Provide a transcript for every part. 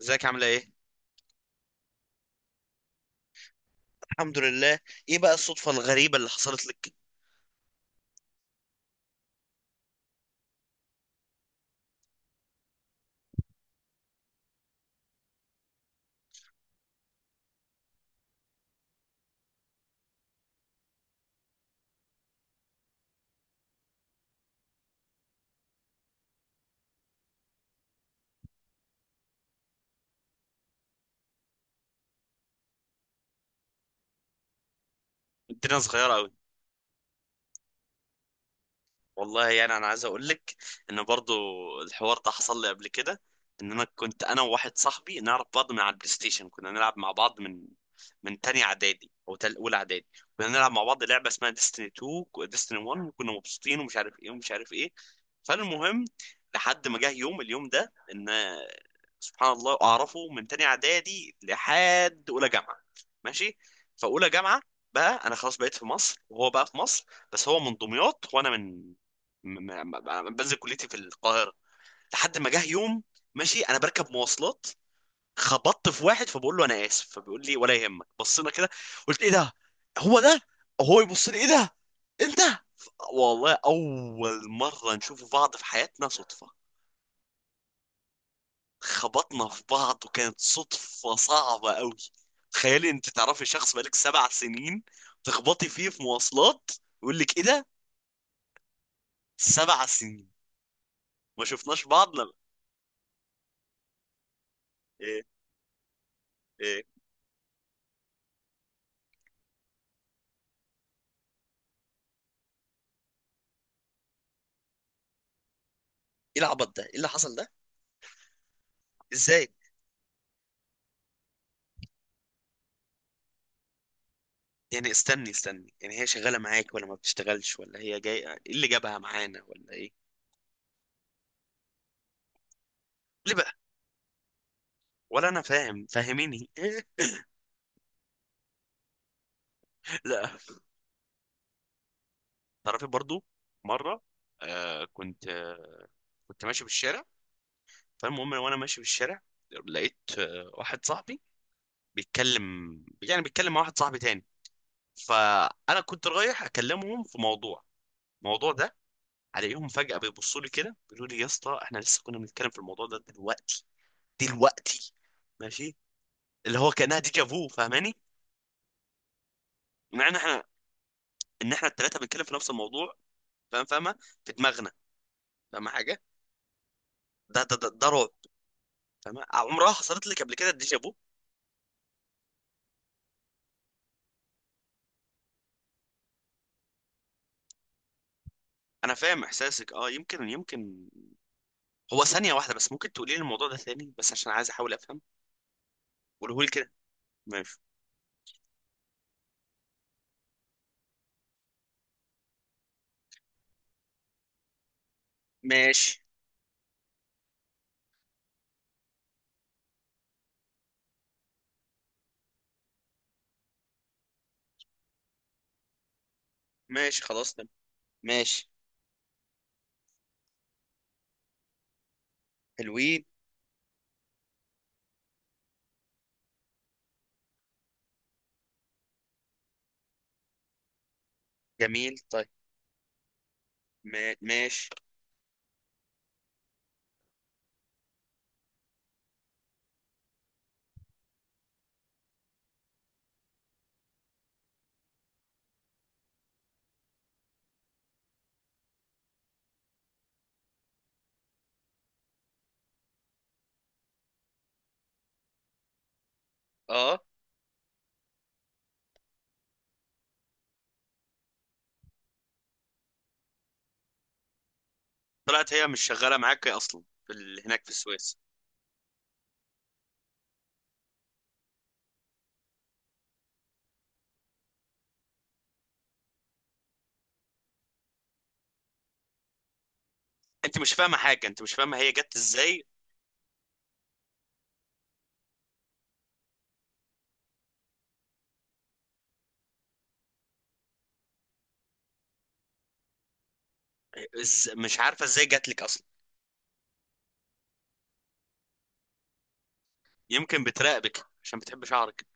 ازيك، عامله ايه؟ الحمد لله. ايه بقى الصدفه الغريبه اللي حصلت لك؟ الدنيا صغيره قوي. والله، يعني انا عايز اقول لك ان برضو الحوار ده حصل لي قبل كده، ان انا كنت انا وواحد صاحبي نعرف بعض من على البلاي ستيشن، كنا نلعب مع بعض من تاني اعدادي او تل اولى اعدادي. كنا نلعب مع بعض لعبه اسمها ديستني 2 وديستني 1، وكنا مبسوطين ومش عارف ايه ومش عارف ايه. فالمهم، لحد ما جه يوم، اليوم ده، ان سبحان الله اعرفه من تاني اعدادي لحد اولى جامعه. ماشي. فاولى جامعه بقى، انا خلاص بقيت في مصر وهو بقى في مصر، بس هو من دمياط وانا من، انا بنزل كليتي في القاهره. لحد ما جه يوم، ماشي، انا بركب مواصلات، خبطت في واحد فبقول له انا اسف، فبيقول لي ولا يهمك. بصينا كده، قلت ايه ده، هو ده. هو يبص لي، ايه ده انت؟ والله اول مره نشوف بعض في حياتنا، صدفه. خبطنا في بعض وكانت صدفه صعبه قوي. تخيلي انت تعرفي شخص بقالك 7 سنين، تخبطي فيه في مواصلات يقول لك ايه ده؟ 7 سنين ما شفناش بعضنا. ايه ايه ايه العبط ده، ايه اللي حصل ده؟ ازاي؟ يعني استني استني، يعني هي شغاله معاك ولا ما بتشتغلش، ولا هي جايه، ايه اللي جابها معانا ولا ايه؟ ليه بقى؟ ولا انا فاهم، فاهميني لا، تعرفي برضو، مره كنت، كنت ماشي بالشارع، فالمهم وانا ماشي بالشارع لقيت واحد صاحبي بيتكلم، يعني بيتكلم مع واحد صاحبي تاني، فانا كنت رايح اكلمهم في موضوع، الموضوع ده. عليهم فجأة بيبصوا لي كده، بيقولوا لي يا اسطى احنا لسه كنا بنتكلم في الموضوع ده دلوقتي، دلوقتي، ماشي. اللي هو كانها ديجا فو، فاهماني؟ معنى، احنا، ان احنا الثلاثه بنتكلم في نفس الموضوع، فاهم؟ فاهمه؟ في دماغنا، فاهمه حاجه؟ ده رعب. فاهمه؟ عمرها حصلت لك قبل كده الديجا فو؟ انا فاهم احساسك. اه، يمكن، يمكن. هو ثانيه واحده بس، ممكن تقولي لي الموضوع ده ثاني بس عشان عايز احاول افهم؟ قوله لي كده. ماشي. ماشي، ماشي، خلاص تمام. ماشي. حلوين. جميل، طيب. ماشي. اه، طلعت هي مش شغاله معاك اصلا في هناك في السويس؟ انت مش فاهمه حاجه، انت مش فاهمه هي جت ازاي؟ مش عارفه ازاي جت لك اصلا؟ يمكن بتراقبك عشان بتحب شعرك.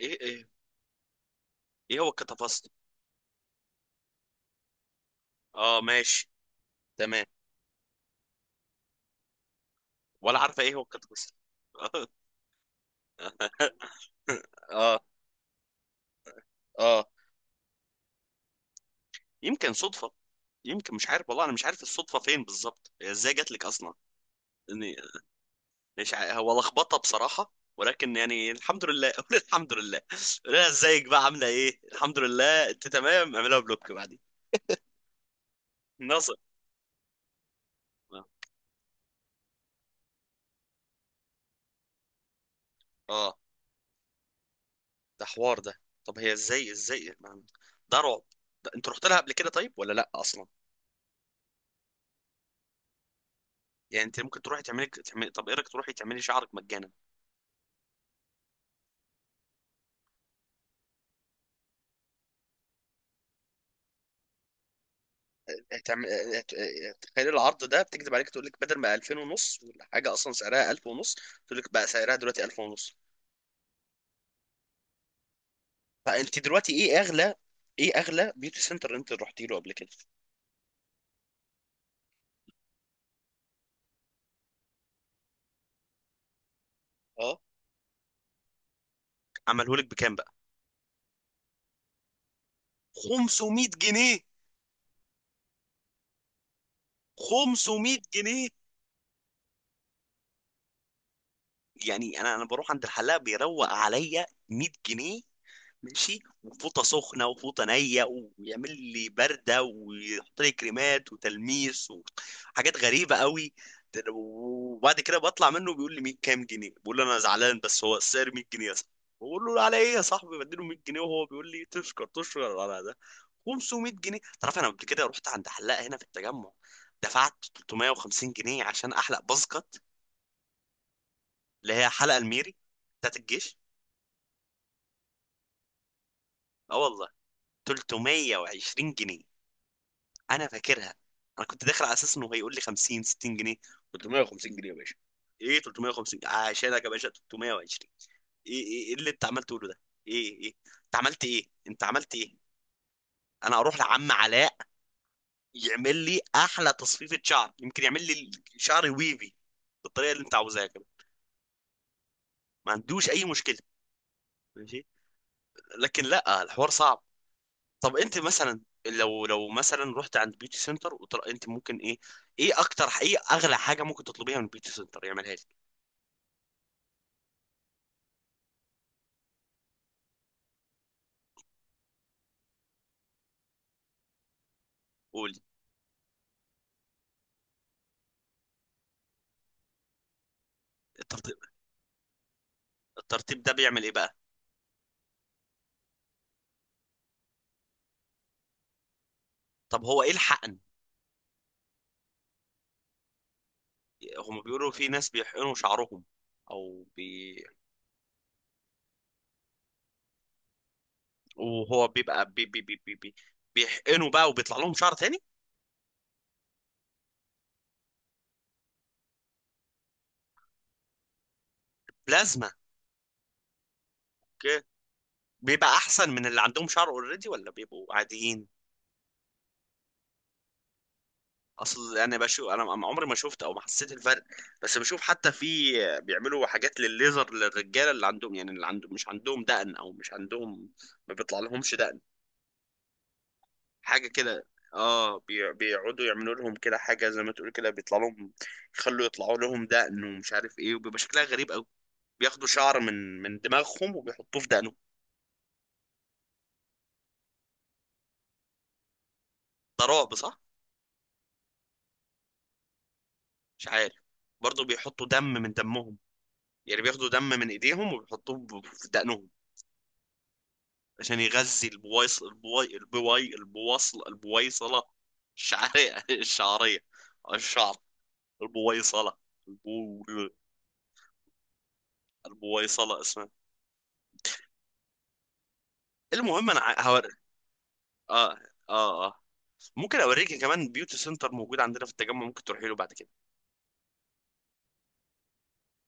ايه ايه ايه هو الكتافست؟ اه، ماشي، تمام. ولا عارفه ايه هو الكتافست. اه، اه. يمكن صدفه، يمكن، مش عارف والله، انا مش عارف الصدفه فين بالظبط، هي ازاي جت لك اصلا؟ اني، مش هو لخبطه بصراحه، ولكن يعني الحمد لله قول الحمد لله. قول لها ازيك بقى، عامله ايه، الحمد لله، انت تمام، اعملها بلوك بعدين. ناصر. اه، ده حوار ده. طب هي ازاي، ازاي، ده رعب. ده انت رحت لها قبل كده طيب ولا لا اصلا؟ يعني انت ممكن تروحي تعملي، تعملي، طب ايه رايك تروحي تعملي شعرك مجانا؟ هتعمل هت- تخيل العرض ده، بتكذب عليك تقول لك بدل ما 2000 ونص، ولا حاجه اصلا سعرها 1000 ونص، تقول لك بقى سعرها دلوقتي 1000 ونص. فانت دلوقتي ايه اغلى؟ ايه اغلى بيوتي سنتر انت رحتي له قبل كده؟ اه. عمله لك بكام بقى؟ 500 جنيه. 500 جنيه. يعني انا بروح عند الحلاق بيروق عليا 100 جنيه. ماشي، وفوطه سخنه وفوطه نيه، ويعمل لي برده، ويحط لي كريمات وتلميس وحاجات غريبه قوي، وبعد كده بطلع منه بيقول لي 100، كام جنيه؟ بقول له انا زعلان، بس هو السعر 100 جنيه يا صاحبي. بقول له على ايه يا صاحبي؟ بديله 100 جنيه وهو بيقول لي تشكر تشكر على ده. 500 جنيه! تعرف انا قبل كده رحت عند حلاقه هنا في التجمع، دفعت 350 جنيه عشان احلق باسكت، اللي هي حلقه الميري بتاعت الجيش. اه والله، 320 جنيه، انا فاكرها. انا كنت داخل على اساس انه هيقول لي 50، 60 جنيه، 350 جنيه يا باشا، ايه 350 عشانك يا باشا، 320؟ ايه ايه إيه اللي انت عمال تقوله ده؟ ايه ايه، انت عملت ايه، انت عملت ايه؟ انا اروح لعم علاء يعمل لي احلى تصفيفة شعر، يمكن يعمل لي شعري ويفي بالطريقة اللي انت عاوزها كده. ما عندوش اي مشكلة. ماشي. لكن لا، الحوار صعب. طب انت مثلا، لو مثلا رحت عند بيوتي سنتر وطلع، انت ممكن ايه؟ ايه اكتر، ايه اغلى حاجه ممكن تطلبيها من بيوتي سنتر يعملها لك؟ قولي. الترتيب الترتيب ده بيعمل ايه بقى؟ طب هو ايه الحقن؟ هم بيقولوا في ناس بيحقنوا شعرهم، او بي وهو بيبقى، بي بي بي بي بي بيحقنوا بقى وبيطلع لهم شعر تاني. بلازما. اوكي. بيبقى احسن من اللي عندهم شعر اوريدي، ولا بيبقوا عاديين؟ اصل انا بشوف، انا عمري ما شفت او ما حسيت الفرق. بس بشوف حتى في، بيعملوا حاجات للليزر للرجاله اللي عندهم، يعني اللي عندهم مش عندهم دقن او مش عندهم، ما بيطلع لهمش دقن، حاجه كده. اه، بيقعدوا يعملوا لهم كده حاجه زي ما تقول كده، بيطلع لهم، يخلوا يطلعوا لهم دقن ومش عارف ايه، وبيبقى شكلها غريب قوي. بياخدوا شعر من دماغهم وبيحطوه في دقنهم. ده رعب صح؟ مش عارف. برضه بيحطوا دم من دمهم، يعني بياخدوا دم من ايديهم وبيحطوه في دقنهم، عشان يغذي البويصلة الشعرية الشعرية، الشعر، البويصلة، البو البويصلة اسمها. المهم انا هوري. اه، اه، اه. ممكن اوريك كمان بيوتي سنتر موجود عندنا في التجمع، ممكن تروحي له بعد كده.